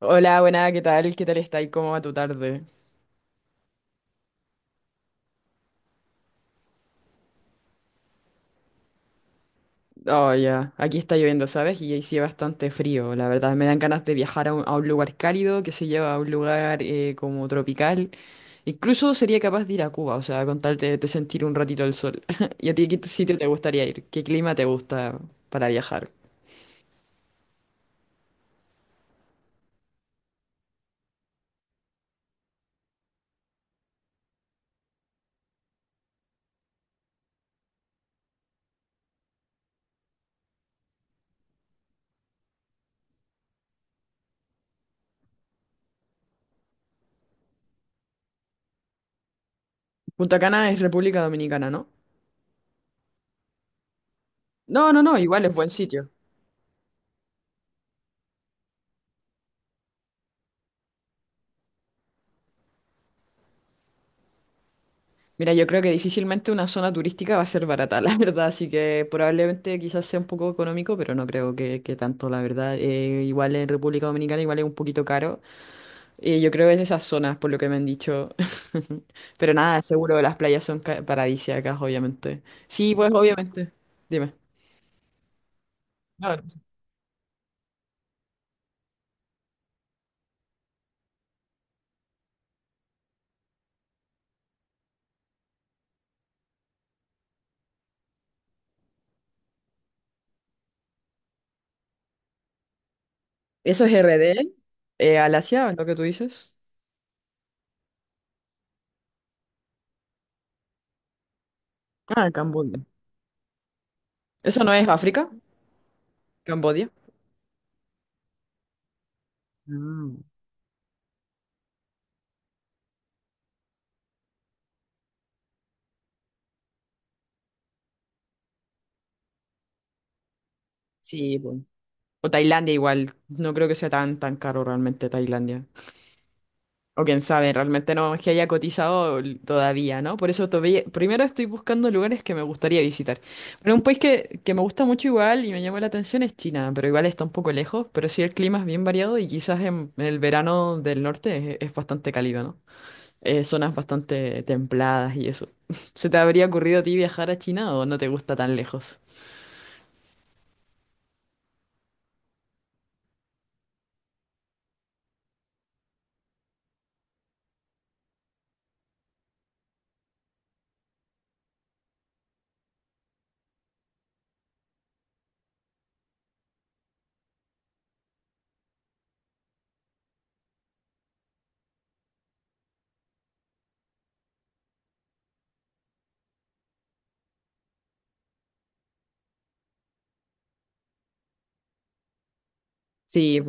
Hola, buena, ¿qué tal? ¿Qué tal está? ¿Y cómo va tu tarde? Oh, ya, aquí está lloviendo, ¿sabes? Y sí, bastante frío, la verdad. Me dan ganas de viajar a un lugar cálido, que se lleva a un lugar como tropical. Incluso sería capaz de ir a Cuba, o sea, con tal de sentir un ratito el sol. ¿Y a ti sitio te gustaría ir? ¿Qué clima te gusta para viajar? Punta Cana es República Dominicana, ¿no? No, no, no, igual es buen sitio. Mira, yo creo que difícilmente una zona turística va a ser barata, la verdad, así que probablemente quizás sea un poco económico, pero no creo que tanto, la verdad. Igual en República Dominicana igual es un poquito caro. Yo creo que es de esas zonas, por lo que me han dicho. Pero nada, seguro las playas son paradisíacas, obviamente. Sí, pues obviamente. Dime. No, no sé. ¿Eso es RD? ¿Al Asia, es lo que tú dices? Ah, Cambodia. ¿Eso no es África? ¿Cambodia? Ah, sí, pues. O Tailandia igual, no creo que sea tan caro realmente Tailandia. O quién sabe, realmente no es que haya cotizado todavía, ¿no? Por eso todavía, primero estoy buscando lugares que me gustaría visitar. Pero un país que me gusta mucho igual y me llama la atención es China, pero igual está un poco lejos, pero sí el clima es bien variado y quizás en el verano del norte es bastante cálido, ¿no? Zonas bastante templadas y eso. ¿Se te habría ocurrido a ti viajar a China o no te gusta tan lejos? Sí,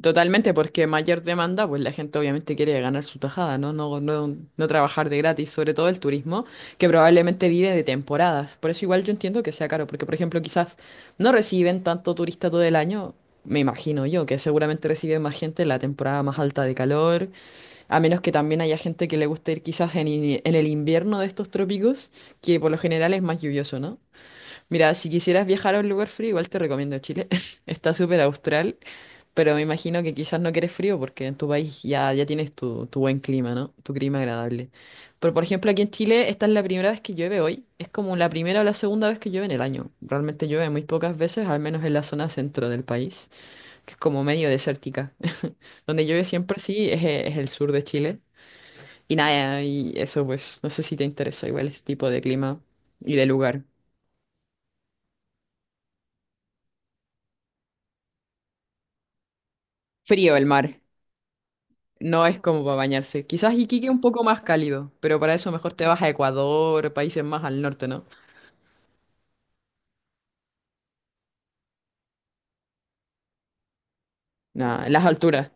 totalmente, porque mayor demanda, pues la gente obviamente quiere ganar su tajada, ¿no? No, no, no trabajar de gratis, sobre todo el turismo, que probablemente vive de temporadas. Por eso igual yo entiendo que sea caro, porque por ejemplo quizás no reciben tanto turista todo el año, me imagino yo, que seguramente reciben más gente en la temporada más alta de calor, a menos que también haya gente que le guste ir quizás en el invierno de estos trópicos, que por lo general es más lluvioso, ¿no? Mira, si quisieras viajar a un lugar frío, igual te recomiendo Chile. Está súper austral pero me imagino que quizás no quieres frío porque en tu país ya tienes tu buen clima, ¿no? Tu clima agradable. Pero por ejemplo, aquí en Chile, esta es la primera vez que llueve hoy. Es como la primera o la segunda vez que llueve en el año. Realmente llueve muy pocas veces, al menos en la zona centro del país, que es como medio desértica. Donde llueve siempre, sí, es el sur de Chile. Y nada, y eso pues, no sé si te interesa igual este tipo de clima y de lugar. Frío el mar. No es como para bañarse. Quizás Iquique un poco más cálido, pero para eso mejor te vas a Ecuador, países más al norte, ¿no? Nada, las alturas.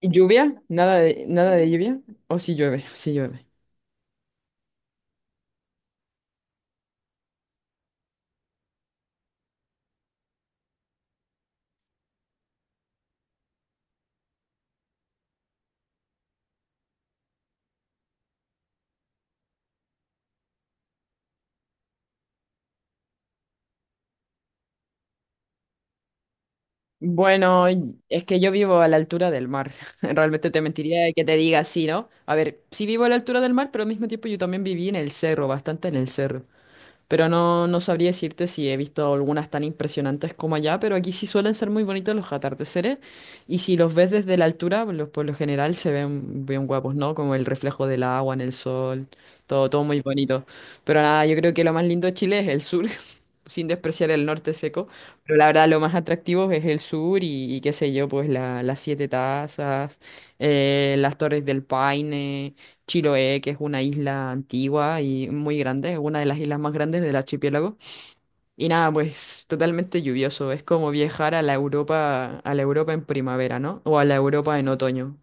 ¿Y lluvia? ¿Nada nada de lluvia? ¿O si llueve? Sí llueve. Bueno, es que yo vivo a la altura del mar. Realmente te mentiría que te diga así, ¿no? A ver, sí vivo a la altura del mar, pero al mismo tiempo yo también viví en el cerro, bastante en el cerro. Pero no, no sabría decirte si he visto algunas tan impresionantes como allá, pero aquí sí suelen ser muy bonitos los atardeceres y si los ves desde la altura, pues, los, por lo general se ven bien guapos, ¿no? Como el reflejo del agua en el sol, todo, todo muy bonito. Pero nada, yo creo que lo más lindo de Chile es el sur, sin despreciar el norte seco, pero la verdad lo más atractivo es el sur y qué sé yo, pues las siete tazas, las torres del Paine. Chiloé, que es una isla antigua y muy grande, es una de las islas más grandes del archipiélago. Y nada, pues totalmente lluvioso, es como viajar a la Europa en primavera, ¿no? O a la Europa en otoño.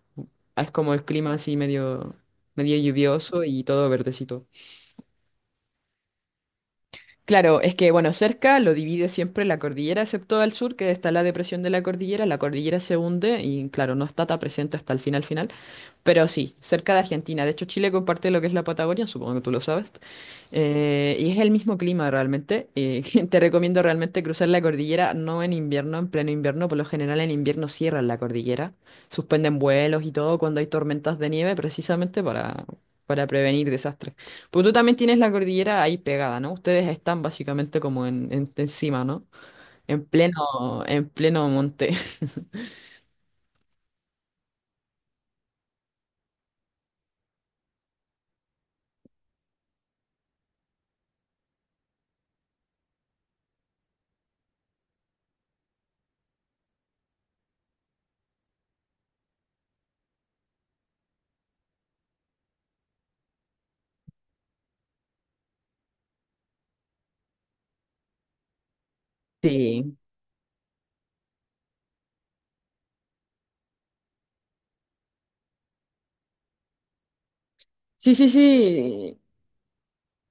Es como el clima así medio, medio lluvioso y todo verdecito. Claro, es que bueno, cerca lo divide siempre la cordillera, excepto al sur, que está la depresión de la cordillera se hunde y claro, no está tan presente hasta el final final. Pero sí, cerca de Argentina. De hecho, Chile comparte lo que es la Patagonia, supongo que tú lo sabes. Y es el mismo clima realmente. Te recomiendo realmente cruzar la cordillera, no en invierno, en pleno invierno. Por lo general en invierno cierran la cordillera. Suspenden vuelos y todo cuando hay tormentas de nieve, precisamente para prevenir desastres. Pues tú también tienes la cordillera ahí pegada, ¿no? Ustedes están básicamente como encima, ¿no? En pleno monte. Sí. Sí, sí, sí.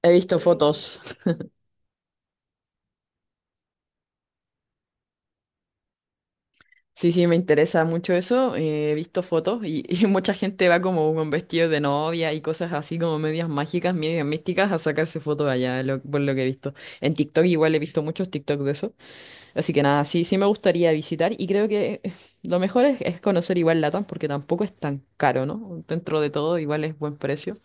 He visto fotos. Sí, sí, me interesa mucho eso. He visto fotos y mucha gente va como con vestidos de novia y cosas así como medias mágicas, medias místicas a sacarse fotos allá, por lo que he visto. En TikTok igual he visto muchos TikTok de eso. Así que nada, sí, sí me gustaría visitar y creo que lo mejor es conocer igual Latam porque tampoco es tan caro, ¿no? Dentro de todo igual es buen precio.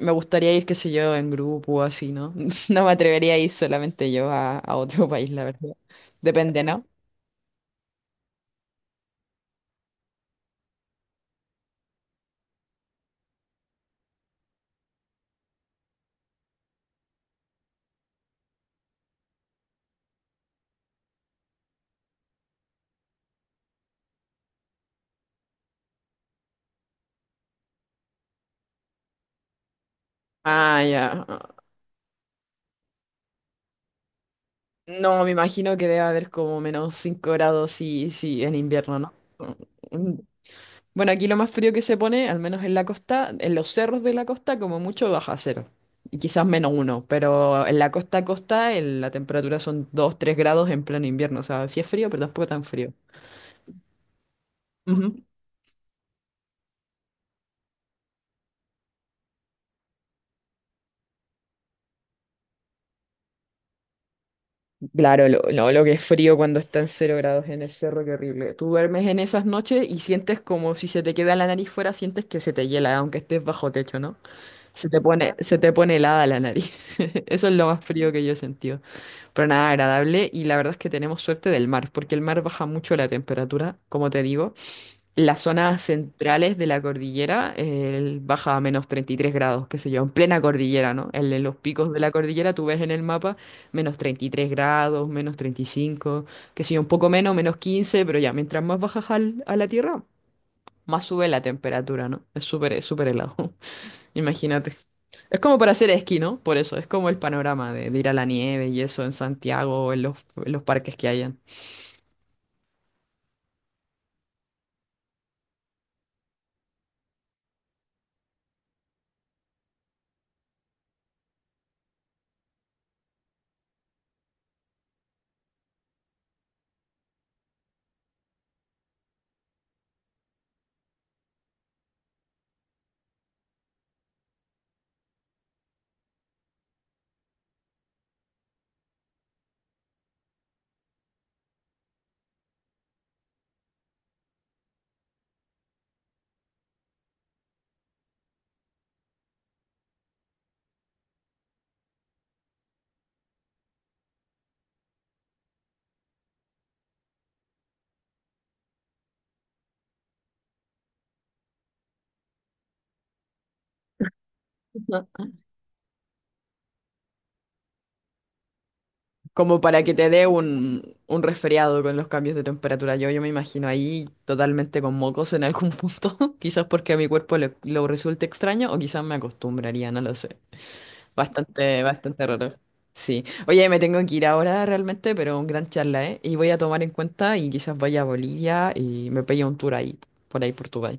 Me gustaría ir, qué sé yo, en grupo o así, ¿no? No me atrevería a ir solamente yo a otro país, la verdad. Depende, ¿no? Ah, ya. No, me imagino que debe haber como -5 grados si en invierno, ¿no? Mm, bueno, aquí lo más frío que se pone, al menos en la costa, en los cerros de la costa, como mucho baja cero. Y quizás -1, pero en la costa a costa la temperatura son 2 3 grados en pleno invierno. O sea, sí es frío, pero tampoco tan frío. Ujú. Claro, lo, no, lo que es frío cuando está en cero grados en el cerro, qué horrible. Tú duermes en esas noches y sientes como si se te queda la nariz fuera, sientes que se te hiela, aunque estés bajo techo, ¿no? Se te pone helada la nariz. Eso es lo más frío que yo he sentido. Pero nada, agradable. Y la verdad es que tenemos suerte del mar, porque el mar baja mucho la temperatura, como te digo. En las zonas centrales de la cordillera baja a -33 grados, qué sé yo, en plena cordillera, ¿no? En los picos de la cordillera tú ves en el mapa -33 grados, -35 qué sé yo, un poco menos, -15 pero ya, mientras más bajas a la tierra, más sube la temperatura, ¿no? Es súper helado. Imagínate. Es como para hacer esquí, ¿no? Por eso, es como el panorama de ir a la nieve y eso en Santiago o en en los parques que hayan. Ujú. Como para que te dé un resfriado con los cambios de temperatura. Yo me imagino ahí totalmente con mocos en algún punto. Quizás porque a mi cuerpo lo resulte extraño o quizás me acostumbraría, no lo sé. Bastante, bastante raro. Sí. Oye, me tengo que ir ahora realmente, pero un gran charla, ¿eh? Y voy a tomar en cuenta y quizás vaya a Bolivia y me pegue un tour ahí, por ahí Portugal.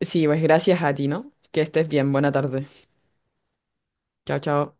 Sí, pues gracias a ti, ¿no? Que estés bien. Buena tarde. Chao, chao.